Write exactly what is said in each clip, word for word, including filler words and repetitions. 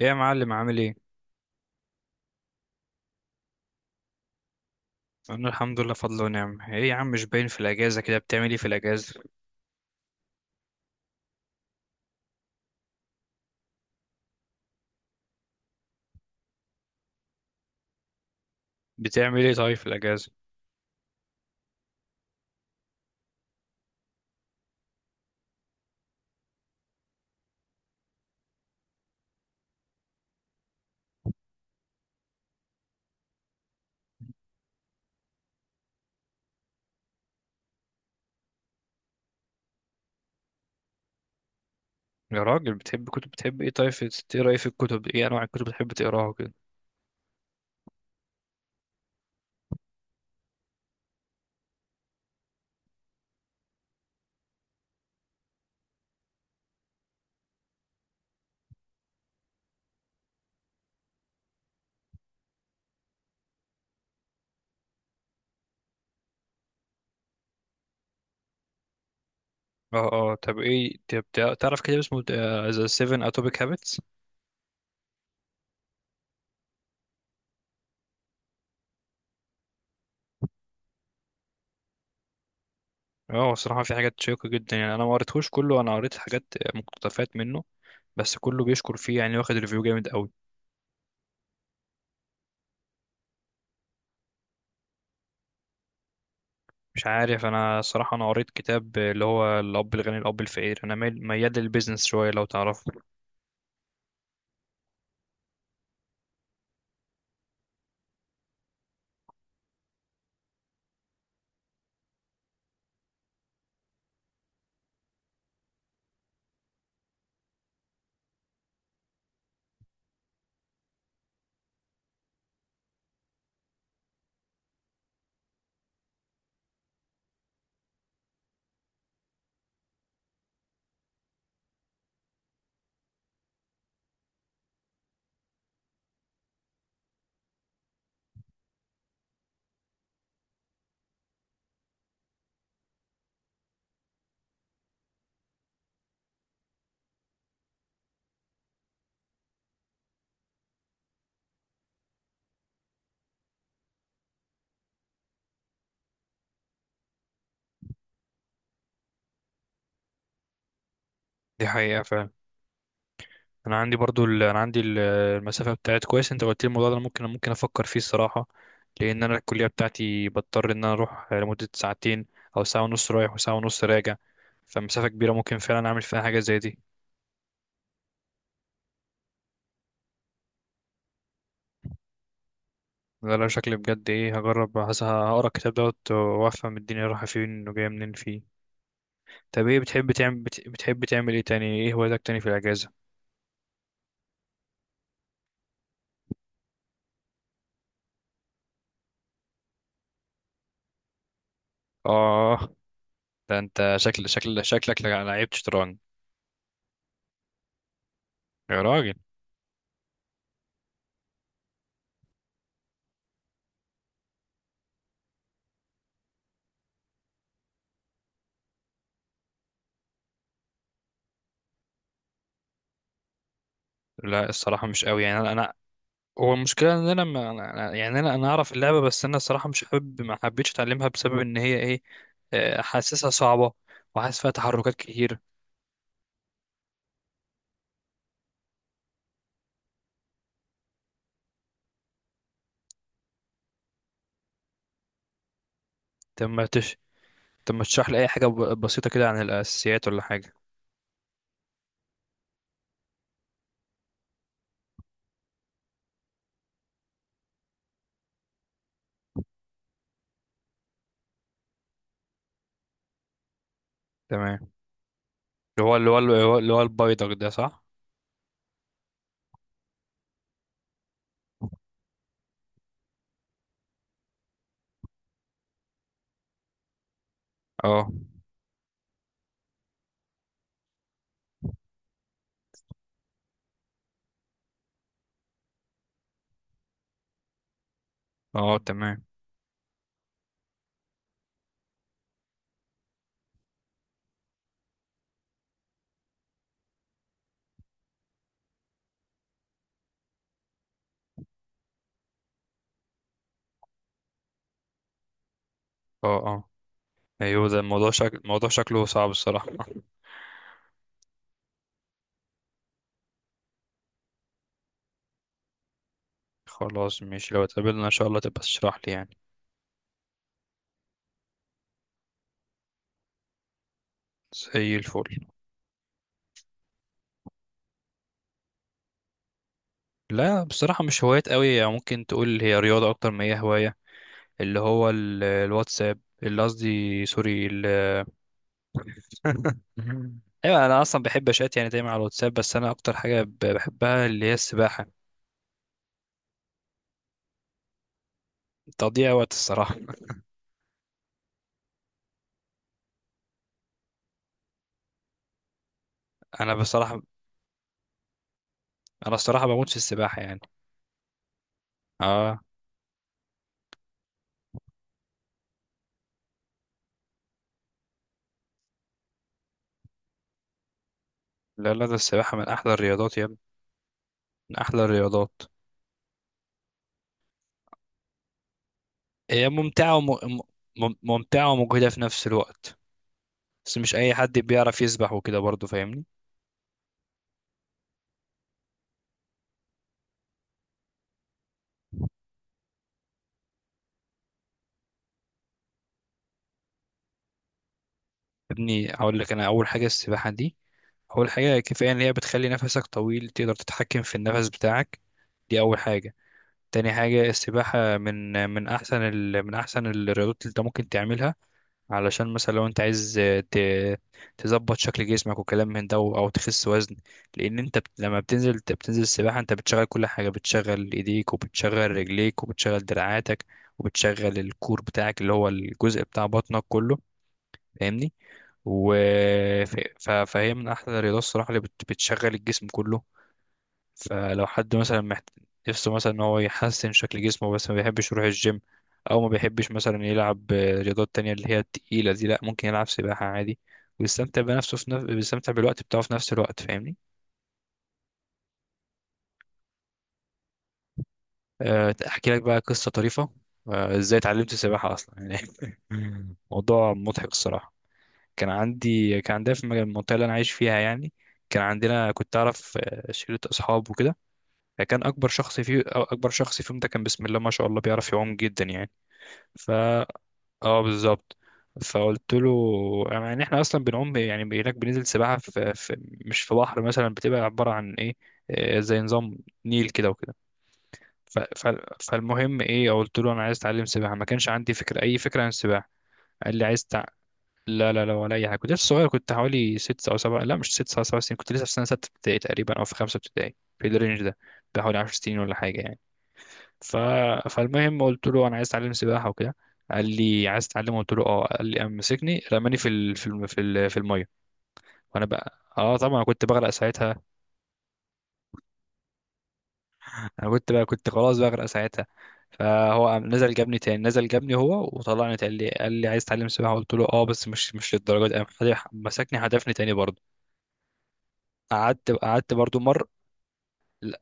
ايه يا معلم، عامل ايه؟ انا الحمد لله، فضل ونعم. ايه يا عم، مش باين في الاجازه، كده بتعمل ايه في الاجازه؟ بتعمل ايه طيب في الاجازه؟ يا راجل بتحب كتب، بتحب ايه طيب في- تقرا ايه في الكتب؟ ايه انواع الكتب بتحب تقراها كده؟ اه اه، طب ايه، طب تع- تعرف كتاب اسمه ذا سفن اتوميك هابتس؟ اه، الصراحه في حاجات شيقه جدا، يعني انا ما قريتهوش كله، انا قريت حاجات، مقتطفات منه، بس كله بيشكر فيه يعني، واخد ريفيو جامد قوي. مش عارف، انا الصراحه انا قريت كتاب اللي هو الاب الغني الاب الفقير، انا ميال ميال للبيزنس شويه، لو تعرفه. دي حقيقه، انا عندي برضو ال... انا عندي ال- المسافه بتاعت، كويس انت قلت لي الموضوع ده، انا ممكن ممكن افكر فيه الصراحه، لان انا الكليه بتاعتي بضطر ان انا اروح لمده ساعتين، او ساعه ونص رايح وساعه ونص راجع، فمسافه كبيره ممكن فعلا اعمل فيها حاجه زي دي. ده لو شكلي بجد ايه هجرب، هس- هقرا الكتاب دوت وافهم الدنيا رايحه فين وجايه منين فيه. طب ايه بتحب تعمل، بت... بتحب تعمل ايه تاني، ايه هواياتك تاني في الاجازه؟ اه، ده انت شكل شكل شكلك لعيب شطرنج. يا راجل. لا الصراحه مش قوي يعني، انا أنا هو المشكلة ان انا ما، أنا- يعني انا انا اعرف اللعبة، بس انا الصراحة مش حابب، ما حبيتش اتعلمها بسبب ان هي ايه، آه، حاسسها صعبة، وحاسس فيها تحركات كتير. طب ما تش طب ما تشرح لي اي حاجة ب- بسيطة كده عن الاساسيات ولا حاجة. تمام. اللي هو اللي هو اللي هو اللي هو البيدق ده، صح؟ اه اه، تمام. اه اه، ايوه، ده الموضوع، شكل الموضوع شكله صعب الصراحة. خلاص ماشي، لو اتقابلنا ان شاء الله تبقى تشرح لي يعني. زي الفل. لا بصراحة مش هوايات قوي يعني، ممكن تقول هي رياضة اكتر ما هي هواية. اللي هو ال- الواتساب، اللي قصدي سوري ال- ايوه انا اصلا بحب اشات يعني، دايما على الواتساب، بس انا اكتر حاجه ب- بحبها اللي هي السباحه. تضييع وقت الصراحه. انا بصراحه، انا الصراحه بموت في السباحه يعني. اه. لا لا، ده السباحه من احلى الرياضات يا ابني، من احلى الرياضات. هي ممتعه وم... مم- ممتعه ومجهده في نفس الوقت، بس مش اي حد بيعرف يسبح وكده برضه، فاهمني. يا ابني هقول لك، انا اول حاجه السباحه دي، أول حاجة كفاية إن هي بتخلي نفسك طويل، تقدر تتحكم في النفس بتاعك، دي أول حاجة. تاني حاجة، السباحة من من أحسن ال... من أحسن الرياضات اللي أنت ممكن تعملها، علشان مثلا لو أنت عايز ت... تظبط شكل جسمك وكلام من ده، أو تخس وزن، لأن أنت بت... لما بتنزل بتنزل السباحة أنت بتشغل كل حاجة، بتشغل إيديك، وبتشغل رجليك، وبتشغل دراعاتك، وبتشغل الكور بتاعك اللي هو الجزء بتاع بطنك كله، فاهمني. و ف- ف- فهي من احلى الرياضات الصراحه اللي بت- بتشغل الجسم كله. فلو حد مثلا محت... نفسه مثلا ان هو يحسن شكل جسمه، بس ما بيحبش يروح الجيم، او ما بيحبش مثلا يلعب آه، رياضات تانية اللي هي التقيله دي، لا ممكن يلعب سباحه عادي، ويستمتع بنفسه في نف... بيستمتع بالوقت بتاعه في نفس الوقت، فاهمني. أه، احكي لك بقى قصه طريفه، أه، ازاي اتعلمت السباحه اصلا يعني. موضوع مضحك الصراحه. كان عندي كان عندنا في المج- المنطقة اللي أنا عايش فيها يعني، كان عندنا، كنت أعرف آه، شلة أصحاب وكده، فكان أكبر شخص فيه أو أكبر شخص فيهم ده كان بسم الله ما شاء الله بيعرف يعوم جدا يعني. فا. اه بالظبط. فقلت له، يعني احنا اصلا بنعوم يعني هناك، بننزل سباحه في, في، مش في بحر مثلا، بتبقى عباره عن ايه، آه، زي نظام نيل كده وكده. ف- ف- فالمهم ايه، قلت له انا عايز اتعلم سباحه، ما كانش عندي فكره، اي فكره عن السباحه. قال لي عايز تع- لا لا لا، ولا اي حاجه، كنت لسه صغير، كنت حوالي ست او سبع، لا مش ست سبع، سبع سنين، كنت لسه في سنه سته ابتدائي تقريبا او في خمسه ابتدائي، في الرينج ده، بحوالي عشر سنين ولا حاجه يعني. ف... فالمهم قلت له انا عايز اتعلم سباحه وكده، قال لي عايز تتعلم، قلت له اه، قال لي، قام مسكني رماني في ال... في الم... في, ال... في الميه. وانا بقى اه، طبعا أنا كنت بغرق ساعتها. انا كنت بقى، كنت خلاص بغرق ساعتها. فهو قام نزل جابني تاني، نزل جابني هو وطلعني، قال لي قال لي عايز تتعلم سباحه، قلت له اه بس مش مش للدرجه دي، قام خد- مسكني هدفني تاني برضه. قعدت قعدت برضو مر. لا،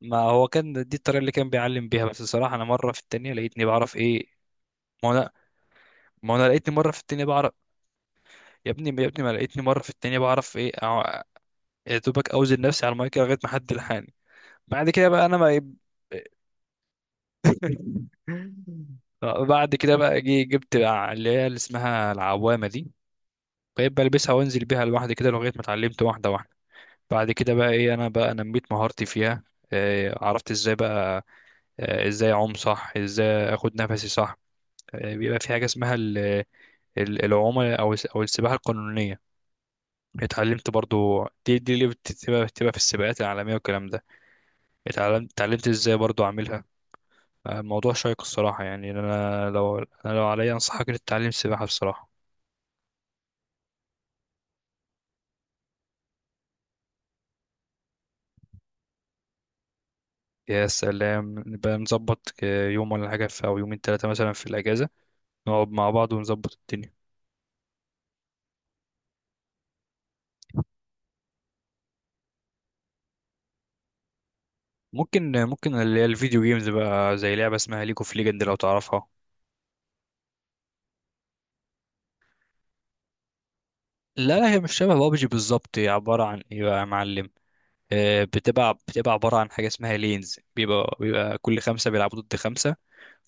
ما هو كان دي الطريقه اللي كان بيعلم بيها، بس الصراحه انا مره في التانية لقيتني بعرف ايه. ما انا ما انا لقيتني مره في التانية بعرف. يا ابني يا ابني ما لقيتني مره في التانية بعرف ايه، أع- يا دوبك اوزن نفسي على المايك لغايه ما حد لحقني. بعد كده بقى انا ما. بعد كده بقى، جي جبت بقى اللي هي اللي اسمها العوامه دي، بقيت بلبسها وانزل بيها لوحدي كده لغايه ما اتعلمت واحده واحده. بعد كده بقى ايه، انا بقى نميت مهارتي فيها، إيه، عرفت ازاي بقى، آه، ازاي اعوم صح، ازاي اخد نفسي صح، آه، بيبقى في حاجه اسمها ال- ال- العومه او الس- او السباحه القانونيه، اتعلمت برضو دي، دي اللي بتبقى بتبقى في السباقات العالميه والكلام ده، اتعلمت اتعلمت ازاي برضو اعملها. آه، موضوع شيق الصراحه يعني، انا لو، انا لو عليا انصحك انك تتعلم السباحه بصراحه. يا سلام، نبقى نظبط آه، يوم ولا حاجه في، او يومين ثلاثه مثلا في الاجازه، نقعد مع بعض ونظبط الدنيا. ممكن ممكن اللي هي الفيديو جيمز بقى، زي لعبه اسمها ليج اوف ليجند، لو تعرفها. لا لا، هي مش شبه بابجي بالظبط، هي عبارة عن ايه بقى يا معلم، آه، بتبقى بتبقى عبارة عن حاجة اسمها لينز، بيبقى بيبقى كل خمسة بيلعبوا ضد خمسة،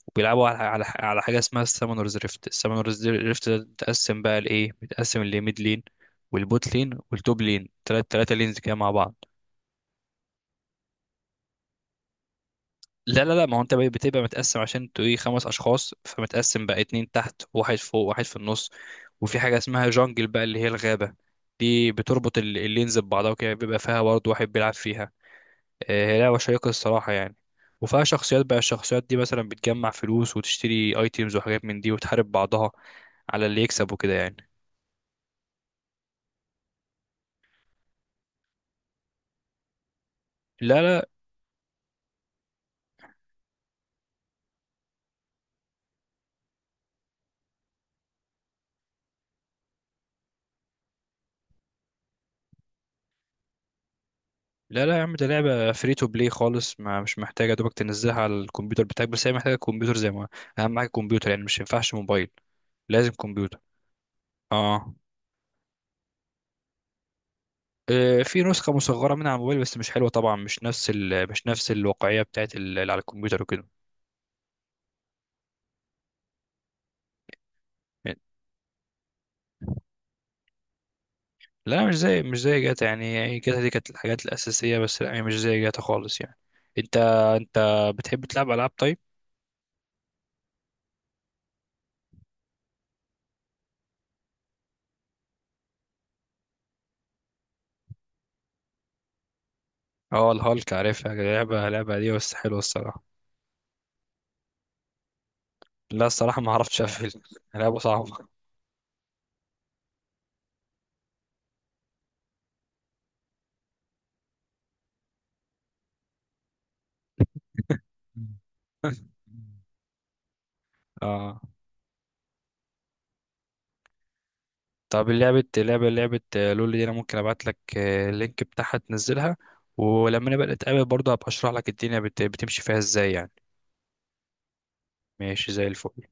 وبيلعبوا على على على حاجة اسمها السامونرز ريفت، السامونرز ريفت ده بتقسم بقى لإيه، بتقسم لميد لين والبوت لين والتوب لين، تلات تلاتة لينز كده مع بعض. لا لا لا، ما هو انت بقى بتبقى متقسم عشان انتوا ايه، خمس اشخاص، فمتقسم بقى اتنين تحت واحد فوق واحد في النص، وفي حاجة اسمها جانجل بقى اللي هي الغابة، دي بتربط ال- اللينز ببعضها وكده، بيبقى فيها برضه واحد بيلعب فيها. آه، هي لعبة شيقة الصراحة يعني، وفيها شخصيات بقى، الشخصيات دي مثلا بتجمع فلوس وتشتري ايتيمز وحاجات من دي وتحارب بعضها على اللي يكسب وكده يعني. لا لا لا لا يا عم، ده لعبة فري تو بلاي خالص، ما مش محتاجة دوبك تنزلها على الكمبيوتر بتاعك، بس هي محتاجة كمبيوتر زي ما، أهم حاجة كمبيوتر يعني، مش ينفعش موبايل، لازم كمبيوتر. اه. آه، في نسخة مصغرة منها على الموبايل، بس مش حلوة طبعا، مش نفس ال... مش نفس الواقعية بتاعت ال... اللي على الكمبيوتر وكده. لا مش زي مش زي جاتا يعني، يعني جاتا دي كانت الحاجات الأساسية بس، لا يعني مش زي جاتا خالص يعني. انت انت بتحب تلعب ألعاب طيب؟ اه الهالك، عارفها، لعبة لعبة دي بس حلوة الصراحة. لا الصراحة ما عرفتش أقفل، لعبة صعبة. اه. طب لعبة لعبة لعبة لول دي، انا ممكن ابعت لك آه، اللينك بتاعها تنزلها، ولما نبقى نتقابل برضه هبقى اشرح لك الدنيا بت- بتمشي فيها ازاي يعني. ماشي زي الفل.